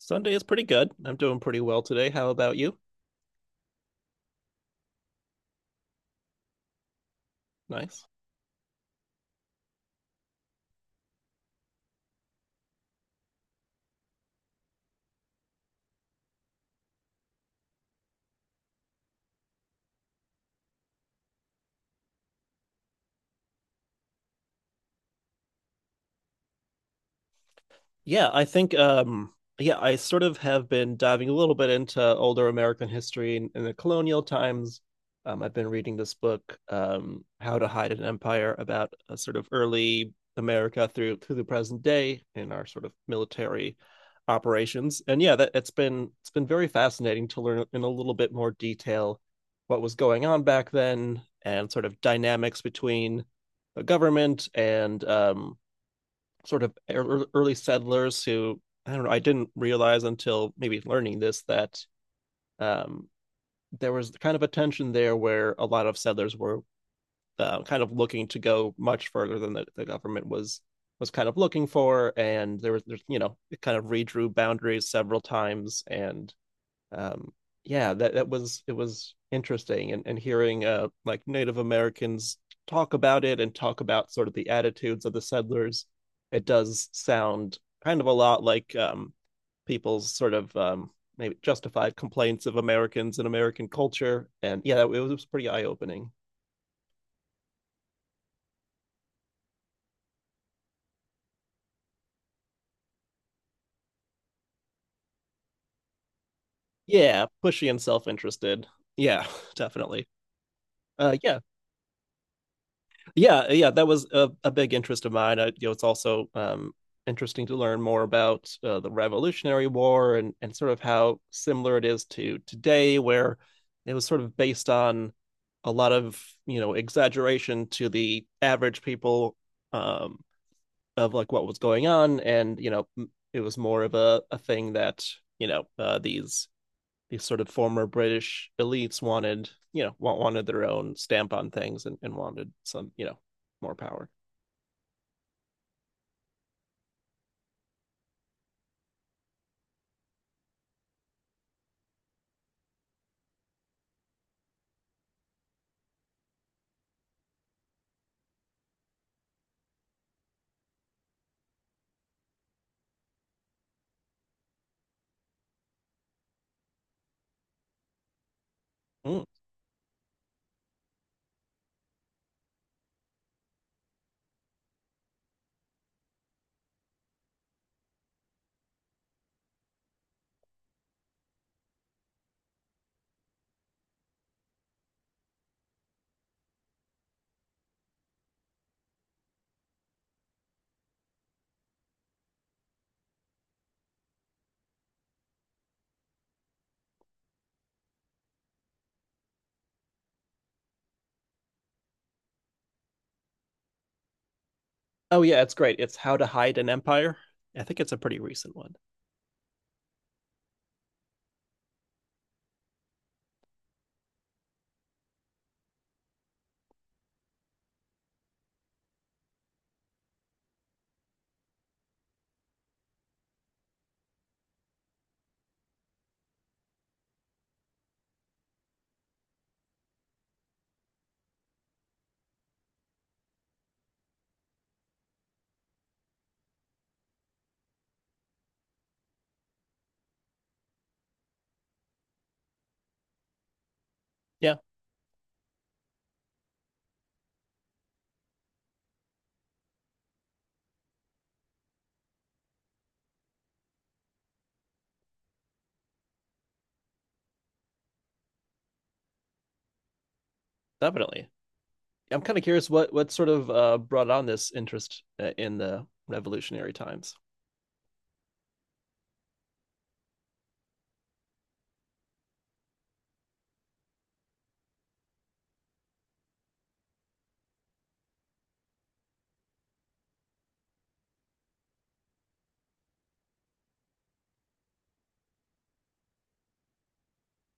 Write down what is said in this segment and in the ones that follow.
Sunday is pretty good. I'm doing pretty well today. How about you? Nice. Yeah, I think um yeah, I sort of have been diving a little bit into older American history in the colonial times. I've been reading this book, How to Hide an Empire, about a sort of early America through the present day in our sort of military operations. And yeah, that it's been very fascinating to learn in a little bit more detail what was going on back then and sort of dynamics between the government and sort of early settlers who, I don't know, I didn't realize until maybe learning this that um, there was kind of a tension there where a lot of settlers were kind of looking to go much further than the government was kind of looking for, and there's you know it kind of redrew boundaries several times, and um, yeah, that was interesting, and hearing like Native Americans talk about it and talk about sort of the attitudes of the settlers, it does sound kind of a lot like people's sort of maybe justified complaints of Americans and American culture. And yeah, that, it was pretty eye opening. Yeah, pushy and self interested. Yeah, definitely. Uh, yeah, Yeah, yeah, that was a big interest of mine. I, you know, it's also interesting to learn more about the Revolutionary War and sort of how similar it is to today, where it was sort of based on a lot of you know exaggeration to the average people, um, of like what was going on, and you know it was more of a thing that you know these sort of former British elites wanted, you know, wanted their own stamp on things and wanted some, you know, more power. Mm. Oh yeah, it's great. It's How to Hide an Empire. I think it's a pretty recent one. Yeah, definitely. I'm kind of curious what sort of brought on this interest in the revolutionary times.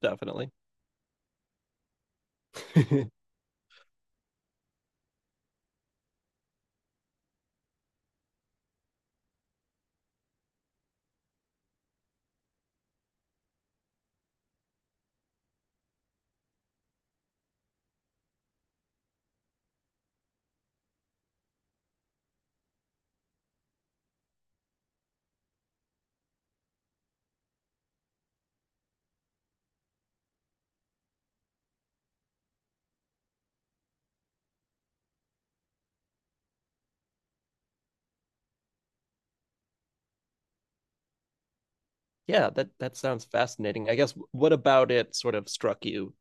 Definitely. yeah, that that sounds fascinating. I guess what about it sort of struck you.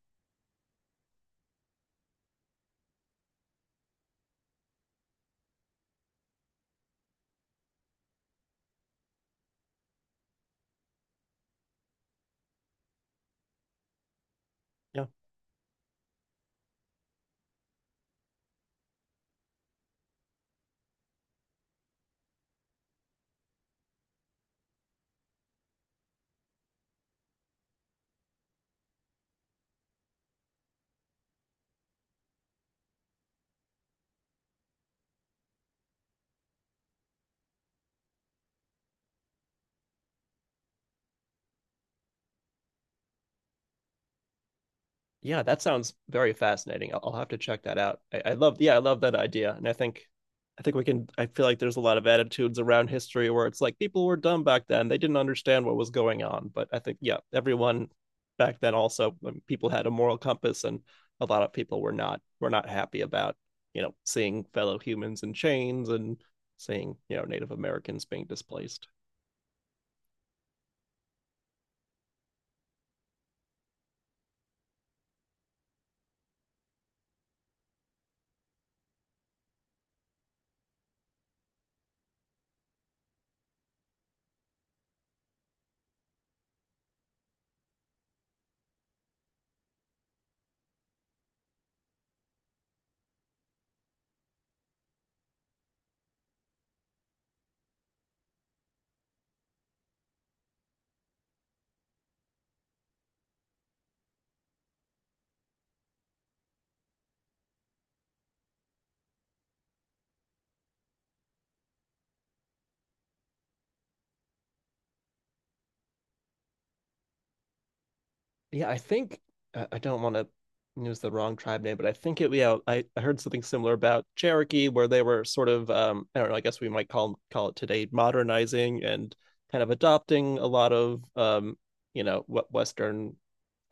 Yeah, that sounds very fascinating. I'll have to check that out. I love, yeah, I love that idea, and I think we can. I feel like there's a lot of attitudes around history where it's like people were dumb back then; they didn't understand what was going on. But I think, yeah, everyone back then also, people had a moral compass, and a lot of people were not happy about you know seeing fellow humans in chains and seeing you know Native Americans being displaced. Yeah, I think I don't want to use the wrong tribe name, but I think it. Yeah, I heard something similar about Cherokee, where they were sort of I don't know. I guess we might call it today modernizing and kind of adopting a lot of you know what Western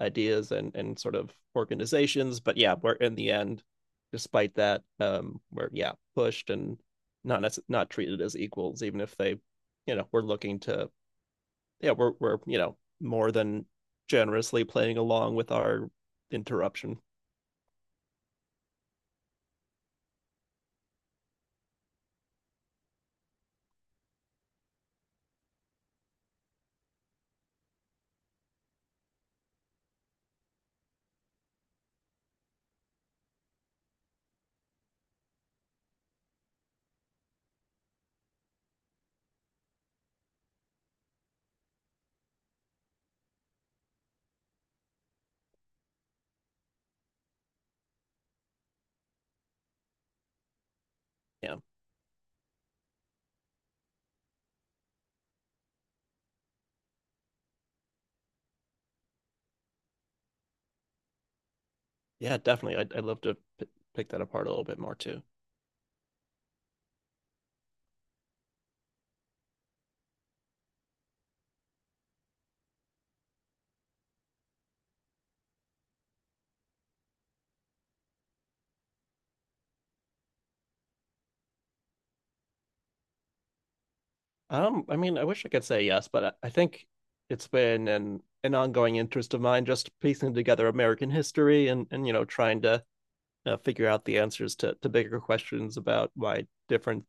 ideas and sort of organizations. But yeah, we're in the end, despite that, we're yeah pushed and not treated as equals, even if they you know were looking to yeah, we're you know more than generously playing along with our interruption. Yeah, yeah, definitely. I'd love to pick that apart a little bit more too. I mean, I wish I could say yes, but I think it's been an ongoing interest of mine, just piecing together American history and you know trying to figure out the answers to bigger questions about why different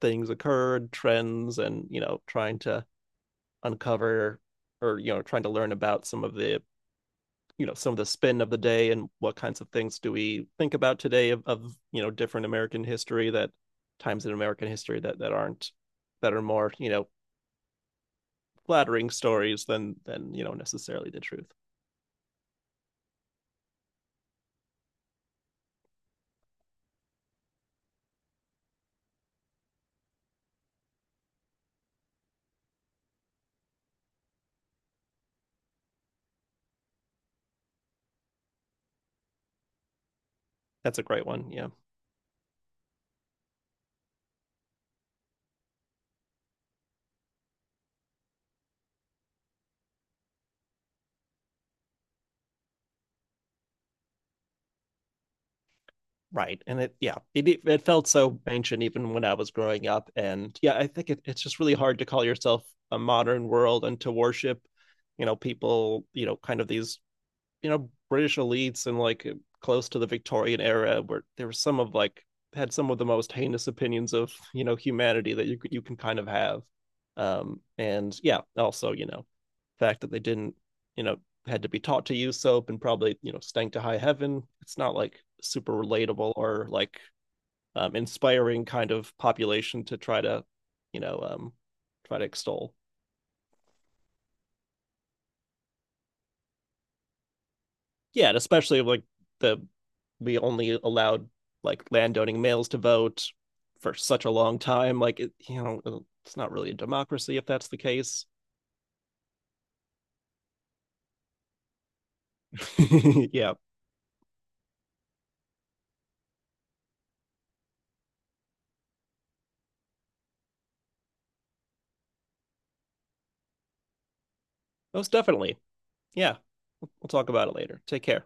things occurred, trends, and you know trying to uncover or you know trying to learn about some of the you know some of the spin of the day and what kinds of things do we think about today of, you know different american history that times in american history that that aren't, that are more you know flattering stories than you know necessarily the truth. That's a great one, yeah. Right, and it, yeah, it felt so ancient even when I was growing up, and yeah I think it, it's just really hard to call yourself a modern world and to worship you know people, you know, kind of these you know British elites, and like close to the Victorian era, where there were some of like had some of the most heinous opinions of you know humanity that you can kind of have, and yeah, also you know, the fact that they didn't you know had to be taught to use soap and probably you know stank to high heaven. It's not like super relatable, or like inspiring kind of population to try to you know try to extol. Yeah, and especially like the we only allowed like landowning males to vote for such a long time. Like it, you know, it's not really a democracy if that's the case. yeah, most definitely. Yeah, we'll talk about it later. Take care.